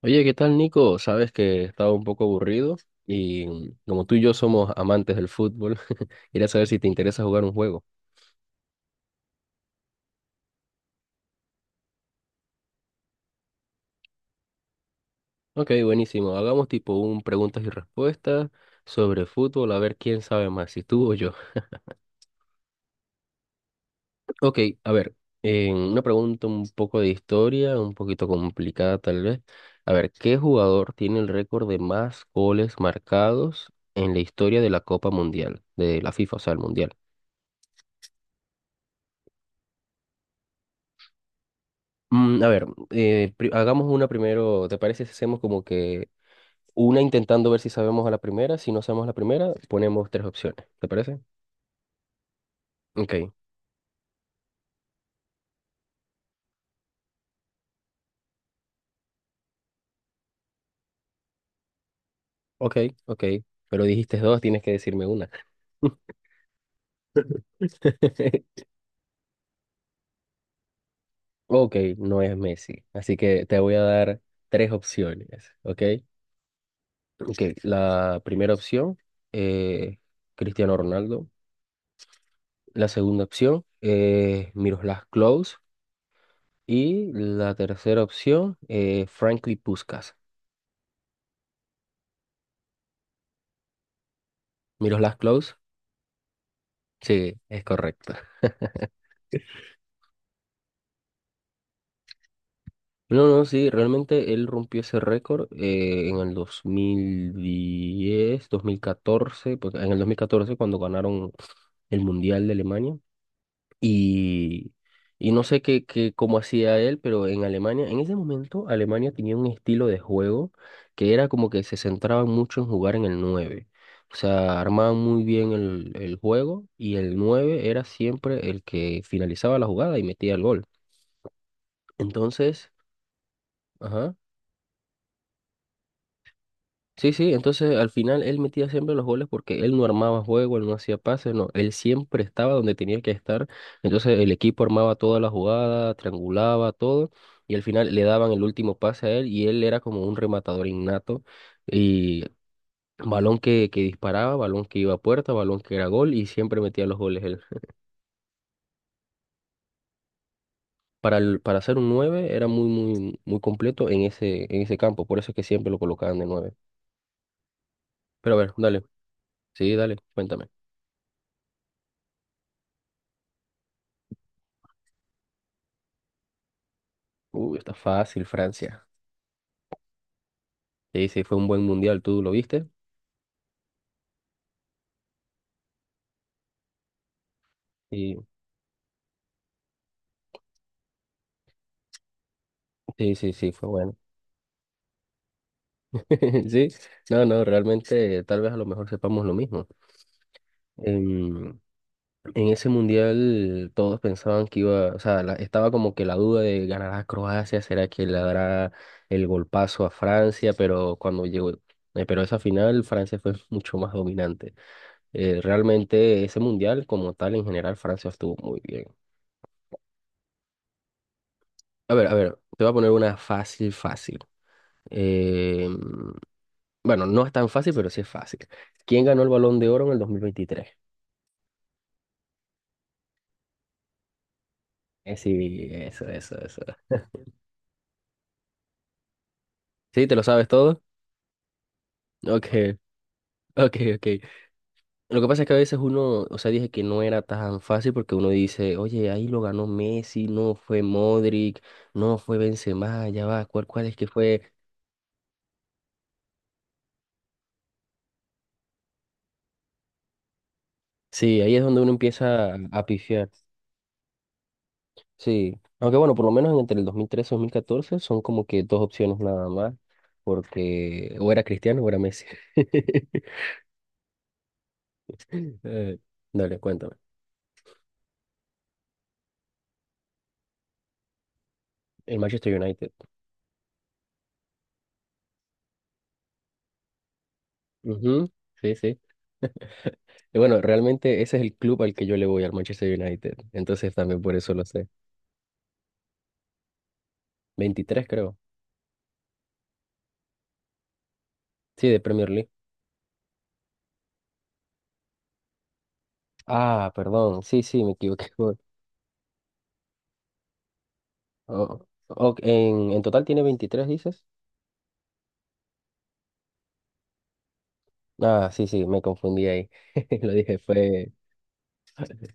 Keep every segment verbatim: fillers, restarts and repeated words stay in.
Oye, ¿qué tal, Nico? Sabes que estaba un poco aburrido y mm, como tú y yo somos amantes del fútbol, quería saber si te interesa jugar un juego. Ok, buenísimo. Hagamos tipo un preguntas y respuestas sobre fútbol, a ver quién sabe más, si tú o yo. Ok, a ver, eh, una pregunta un poco de historia, un poquito complicada tal vez. A ver, ¿qué jugador tiene el récord de más goles marcados en la historia de la Copa Mundial, de la FIFA, o sea, el Mundial? Mm, a ver, eh, pri- hagamos una primero. ¿Te parece si hacemos como que una intentando ver si sabemos a la primera? Si no sabemos la primera, ponemos tres opciones. ¿Te parece? Ok, ok, ok. Pero dijiste dos, tienes que decirme una. Ok, no es Messi. Así que te voy a dar tres opciones. Ok. Ok, la primera opción, eh, Cristiano Ronaldo. La segunda opción, eh, Miroslav Klose. Y la tercera opción, eh, Franklin Puskás. Miroslav Klaus, sí, es correcto. No, no, sí, realmente él rompió ese récord eh, en el dos dos mil diez, dos mil catorce, porque en el dos mil catorce cuando ganaron el Mundial de Alemania. Y, y no sé qué, qué, cómo hacía él, pero en Alemania, en ese momento, Alemania tenía un estilo de juego que era como que se centraban mucho en jugar en el nueve. O sea, armaban muy bien el, el juego y el nueve era siempre el que finalizaba la jugada y metía el gol. Entonces, ajá. Sí, sí, entonces al final él metía siempre los goles porque él no armaba juego, él no hacía pases, no, él siempre estaba donde tenía que estar. Entonces el equipo armaba toda la jugada, triangulaba todo y al final le daban el último pase a él y él era como un rematador innato y balón que, que disparaba, balón que iba a puerta, balón que era gol y siempre metía los goles él. Para el, para ser un nueve era muy muy muy completo en ese en ese campo, por eso es que siempre lo colocaban de nueve. Pero a ver, dale. Sí, dale, cuéntame. Uy, está fácil, Francia. Sí, sí, fue un buen mundial, ¿tú lo viste? Sí, sí, sí, sí, fue bueno. Sí, no, no, realmente tal vez a lo mejor sepamos lo mismo. En, en ese mundial todos pensaban que iba, o sea, la- estaba como que la duda de ganará Croacia, será que le dará el golpazo a Francia, pero cuando llegó, eh, pero esa final Francia fue mucho más dominante. Eh, realmente ese mundial como tal en general Francia estuvo muy bien. A ver, a ver, te voy a poner una fácil, fácil. Eh, bueno, no es tan fácil, pero sí es fácil. ¿Quién ganó el Balón de Oro en el dos mil veintitrés? Eh, sí, eso, eso, eso. ¿Sí? ¿Te lo sabes todo? Ok, ok, ok. Lo que pasa es que a veces uno, o sea, dije que no era tan fácil porque uno dice, oye, ahí lo ganó Messi, no fue Modric, no fue Benzema, ya va, ¿cuál, cuál es que fue? Sí, ahí es donde uno empieza a, a pifiar. Sí, aunque bueno, por lo menos entre el dos mil trece y dos mil catorce son como que dos opciones nada más, porque o era Cristiano o era Messi. Eh, Dale, cuéntame. El Manchester United. Ujú, sí, sí. Y bueno, realmente ese es el club al que yo le voy, al Manchester United. Entonces también por eso lo sé. Veintitrés creo. Sí, de Premier League. Ah, perdón. Sí, sí, me equivoqué. por- oh, ok, en, en total tiene veintitrés dices. Ah, sí, sí, me confundí ahí. Lo dije, fue...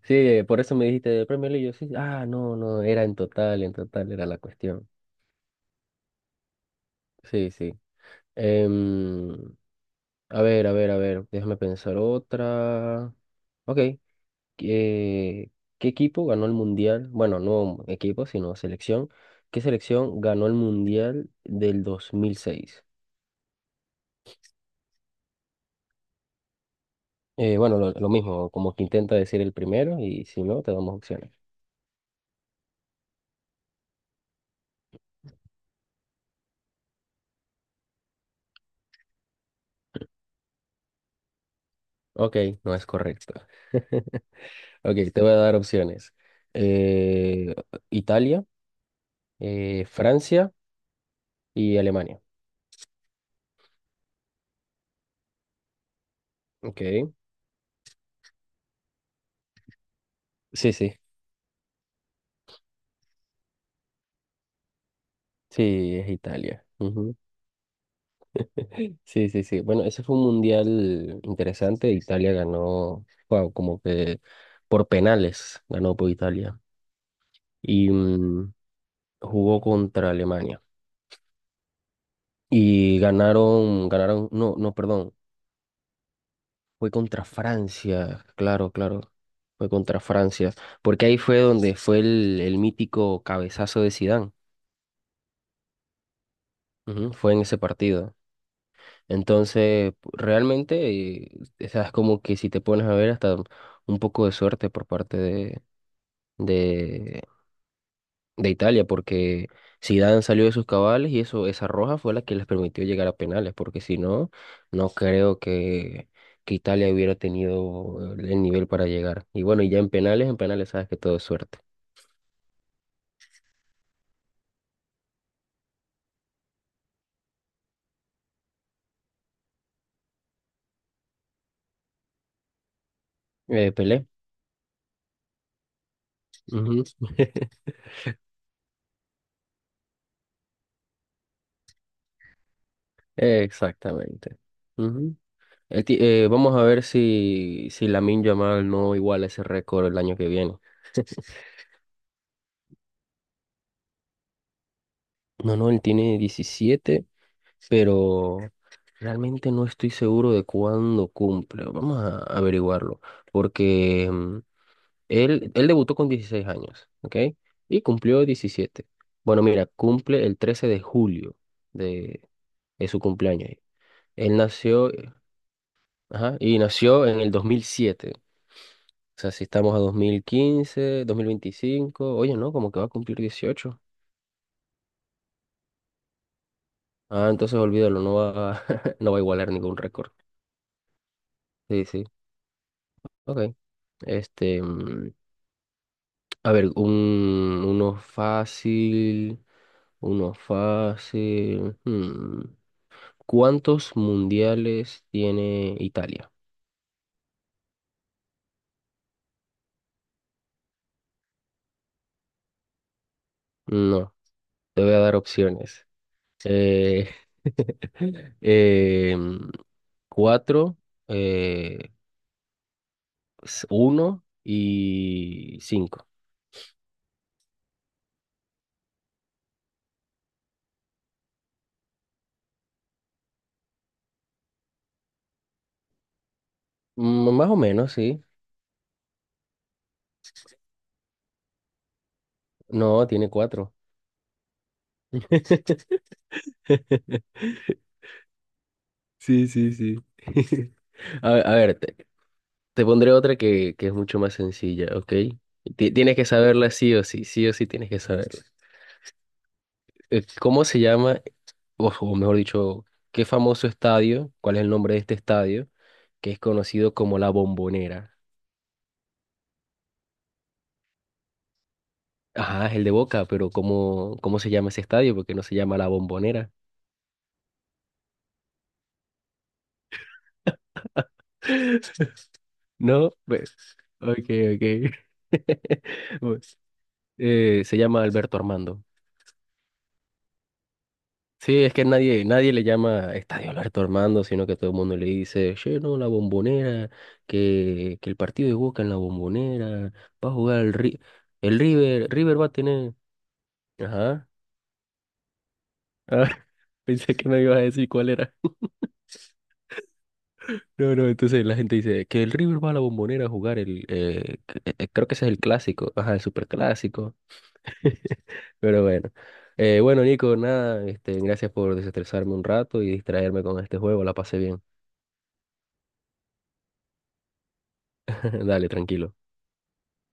Sí, por eso me dijiste de Premier League. Yo sí, ah, no, no, era en total, en total era la cuestión. Sí, sí. Em, a ver, a ver, a ver, déjame pensar otra. Ok, ¿qué, qué equipo ganó el Mundial? Bueno, no equipo, sino selección. ¿Qué selección ganó el Mundial del dos mil seis? Eh, bueno, lo, lo mismo, como que intenta decir el primero y si no, te damos opciones. Ok, no es correcto. Ok, te voy a dar opciones. Eh, Italia, eh, Francia y Alemania. Ok. Sí, sí, sí, es Italia. Ujú. Sí, sí, sí. Bueno, ese fue un mundial interesante. Italia ganó, wow, como que por penales ganó por Italia. Y mm, jugó contra Alemania. Y ganaron, ganaron, no, no, perdón. Fue contra Francia, claro, claro. Fue contra Francia. Porque ahí fue donde fue el, el mítico cabezazo de Zidane. Ujú, fue en ese partido. Entonces, p- realmente, eh, o sea, es como que si te pones a ver, hasta un poco de suerte por parte de, de, de Italia, porque Zidane salió de sus cabales y eso, esa roja fue la que les permitió llegar a penales, porque si no, no creo que, que Italia hubiera tenido el nivel para llegar. Y bueno, y ya en penales, en penales sabes que todo es suerte. Eh, Pelé. Ujú. Exactamente. Ujú. El ti- eh, vamos a ver si, si Lamine Yamal no iguala ese récord el año que viene. No, no, él tiene diecisiete pero realmente no estoy seguro de cuándo cumple. Vamos a averiguarlo. Porque mm, él, él debutó con dieciséis años, ¿ok? Y cumplió diecisiete. Bueno, mira, cumple el trece de julio de, de su cumpleaños. Él nació, eh, ajá, y nació en el dos mil siete. O sea, si estamos a dos dos mil quince dos mil veinticinco, oye, no, como que va a cumplir dieciocho. Ah, entonces olvídalo, no va, a- no va a igualar ningún récord. Sí, sí, ok. Este, mm, a ver, un, uno fácil, uno fácil. Hmm. ¿Cuántos mundiales tiene Italia? No, te voy a dar opciones. Eh, em, cuatro, eh, s- uno y cinco. Mm, más o menos, sí. No, tiene cuatro. Sí, sí, sí. A, a ver, te- Te pondré otra que, que es mucho más sencilla, ¿ok? Ti- Tienes que saberla sí o sí, sí o sí tienes que saberla. Eh, ¿Cómo se llama, o, o mejor dicho, qué famoso estadio, cuál es el nombre de este estadio, que es conocido como La Bombonera? Ajá, es el de Boca, pero ¿cómo, cómo se llama ese estadio? Porque no se llama La Bombonera. No, pues, ok, ok. Pues, eh, se llama Alberto Armando. Sí, es que nadie, nadie le llama Estadio Alberto Armando, sino que todo el mundo le dice, che, no, la Bombonera, que, que el partido de Boca en la Bombonera, va a jugar el, Ri- el River, River va a tener... Ajá, ah, pensé que me ibas a decir cuál era. No, no, entonces la gente dice que el River va a la Bombonera a jugar el... eh, que- eh, eh, creo que ese es el clásico, ajá, el superclásico. Pero bueno. Eh, bueno, Nico, nada, este, gracias por desestresarme un rato y distraerme con este juego, la pasé bien. Dale, tranquilo.